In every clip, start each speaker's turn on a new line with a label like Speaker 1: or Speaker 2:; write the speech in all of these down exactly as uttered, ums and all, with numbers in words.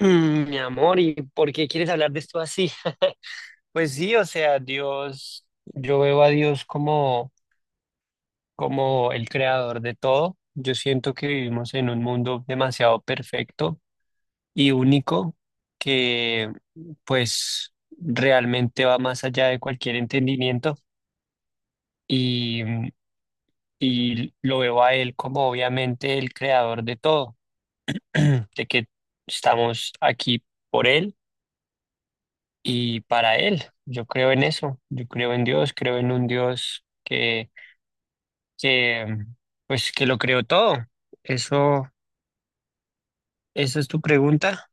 Speaker 1: Mm, Mi amor, ¿y por qué quieres hablar de esto así? Pues sí, o sea, Dios, yo veo a Dios como, como el creador de todo. Yo siento que vivimos en un mundo demasiado perfecto y único que pues realmente va más allá de cualquier entendimiento y, y lo veo a Él como obviamente el creador de todo, de que estamos aquí por Él y para Él. Yo creo en eso, yo creo en Dios, creo en un Dios que, que, pues, que lo creó todo. Eso, eso es tu pregunta.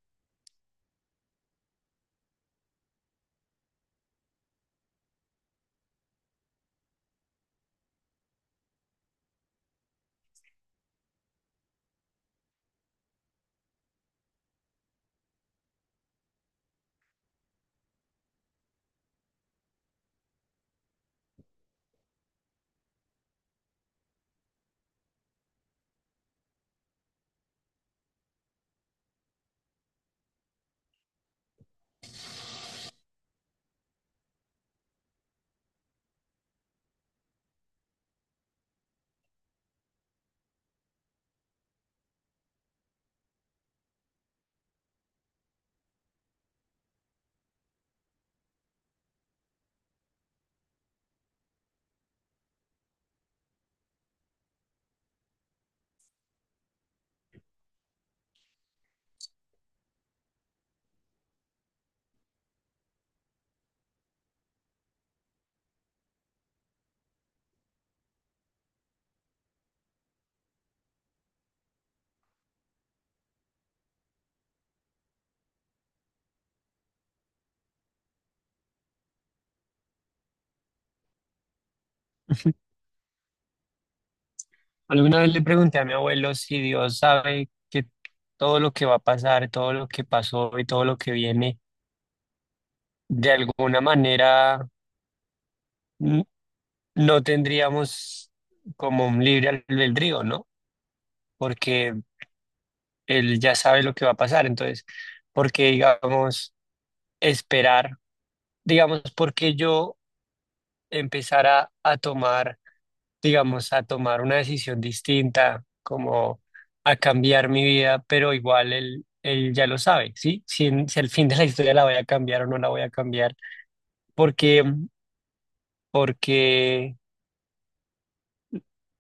Speaker 1: Alguna vez le pregunté a mi abuelo si Dios sabe que todo lo que va a pasar, todo lo que pasó y todo lo que viene, de alguna manera n- no tendríamos como un libre albedrío, ¿no? Porque él ya sabe lo que va a pasar. Entonces, ¿por qué digamos esperar? Digamos, porque yo empezara a tomar, digamos, a tomar una decisión distinta, como a cambiar mi vida, pero igual él, él ya lo sabe, ¿sí? Si, en- si al fin de la historia la voy a cambiar o no la voy a cambiar, porque, porque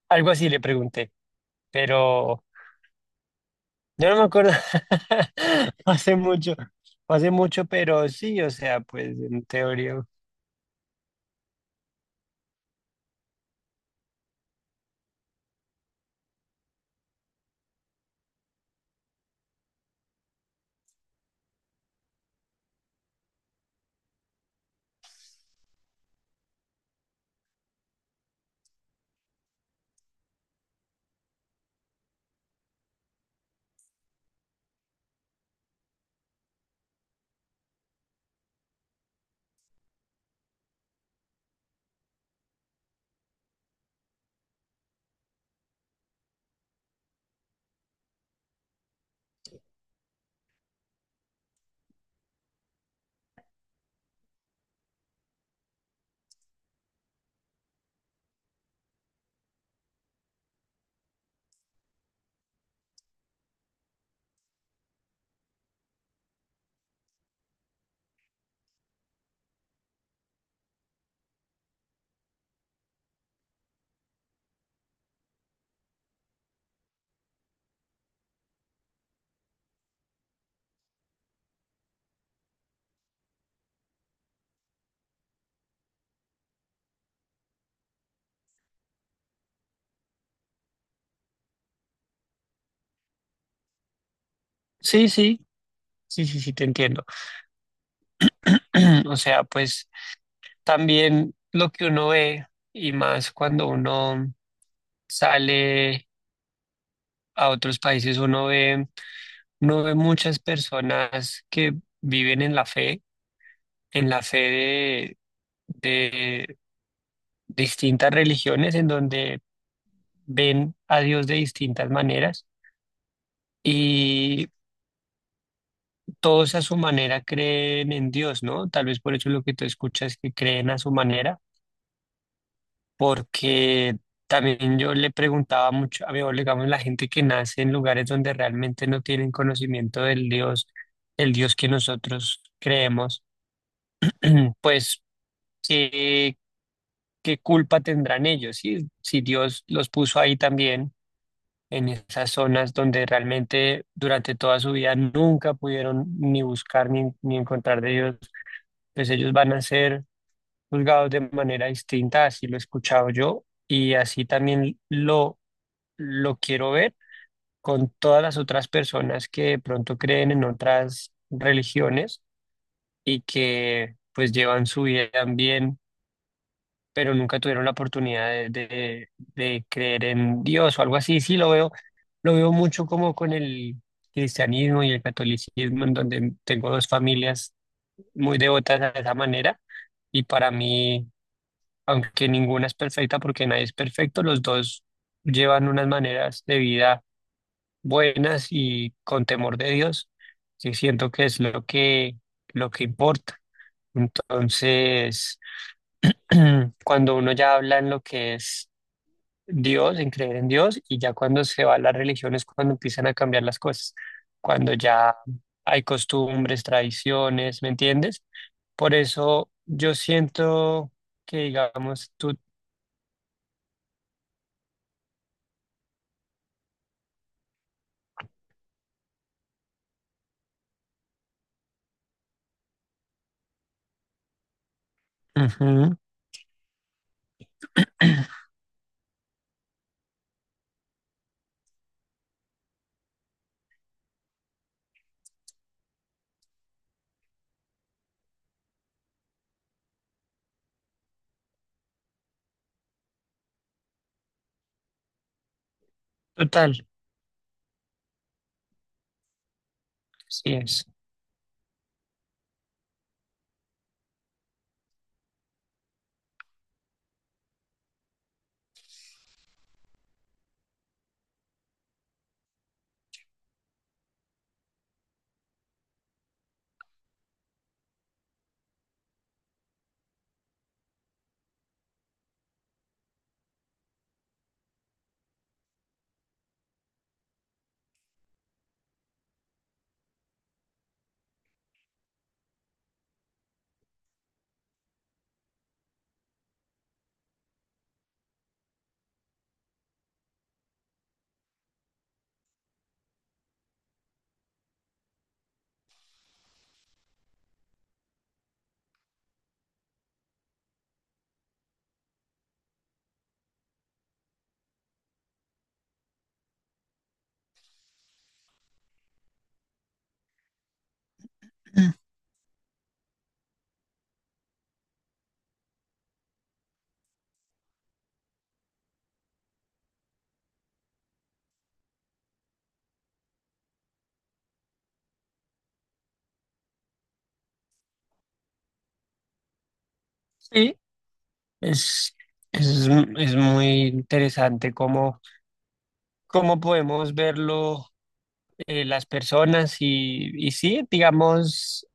Speaker 1: algo así le pregunté, pero yo no me acuerdo, hace mucho, hace mucho, pero sí, o sea, pues en teoría, sí, sí, sí, sí, sí, te entiendo. O sea, pues también lo que uno ve, y más cuando uno sale a otros países, uno ve, uno ve muchas personas que viven en la fe, en la fe de, de distintas religiones, en donde ven a Dios de distintas maneras. Y todos a su manera creen en Dios, ¿no? Tal vez por eso lo que tú escuchas que creen a su manera porque también yo le preguntaba mucho a mi abuelo, digamos, la gente que nace en lugares donde realmente no tienen conocimiento del Dios, el Dios que nosotros creemos, pues, ¿qué, qué culpa tendrán ellos? Si, si Dios los puso ahí también, en esas zonas donde realmente durante toda su vida nunca pudieron ni buscar ni, ni encontrar de Dios, pues ellos van a ser juzgados de manera distinta, así lo he escuchado yo, y así también lo lo quiero ver con todas las otras personas que de pronto creen en otras religiones y que pues llevan su vida bien, pero nunca tuvieron la oportunidad de, de- de creer en Dios o algo así. Sí, lo veo, lo veo mucho como con el cristianismo y el catolicismo, en donde tengo dos familias muy devotas de esa manera y para mí, aunque ninguna es perfecta porque nadie es perfecto, los dos llevan unas maneras de vida buenas y con temor de Dios, que siento que es lo que, lo que importa. Entonces, cuando uno ya habla en lo que es Dios, en creer en Dios, y ya cuando se va a las religiones, cuando empiezan a cambiar las cosas, cuando ya hay costumbres, tradiciones, ¿me entiendes? Por eso yo siento que, digamos, tú, ujú, total, sí es. Mm. Sí, es, es, es muy interesante cómo, cómo podemos verlo eh, las personas y, y sí, digamos,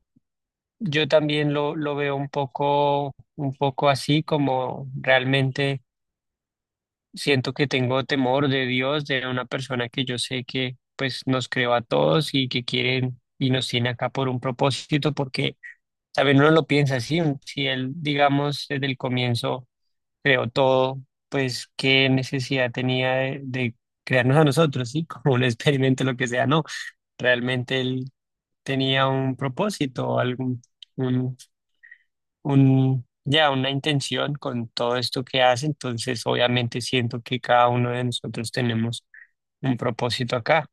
Speaker 1: yo también lo, lo veo un poco, un poco así, como realmente siento que tengo temor de Dios, de una persona que yo sé que pues nos creó a todos y que quieren y nos tiene acá por un propósito, porque, ¿saben? Uno lo piensa así, si él, digamos, desde el comienzo creó todo, pues qué necesidad tenía de, de crearnos a nosotros, ¿sí? Como un experimento, lo que sea, no. Realmente él tenía un propósito, algún, un, un, ya una intención con todo esto que hace, entonces obviamente siento que cada uno de nosotros tenemos un propósito acá.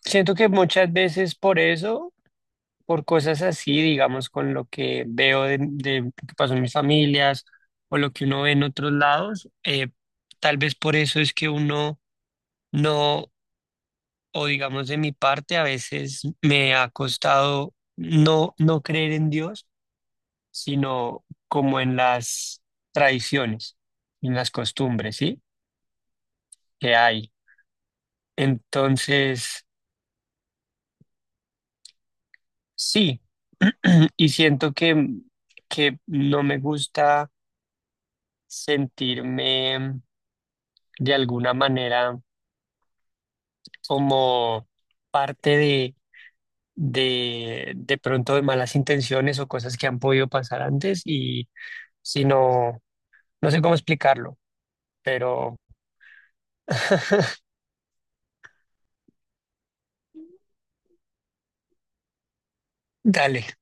Speaker 1: Siento que muchas veces por eso por cosas así, digamos, con lo que veo de, de lo que pasó en mis familias o lo que uno ve en otros lados, eh, tal vez por eso es que uno no, o digamos de mi parte, a veces me ha costado no, no creer en Dios, sino como en las tradiciones, en las costumbres, ¿sí? Que hay. Entonces, sí, y siento que, que no me gusta sentirme de alguna manera como parte de, de, de pronto de malas intenciones o cosas que han podido pasar antes y si no, no sé cómo explicarlo, pero dale.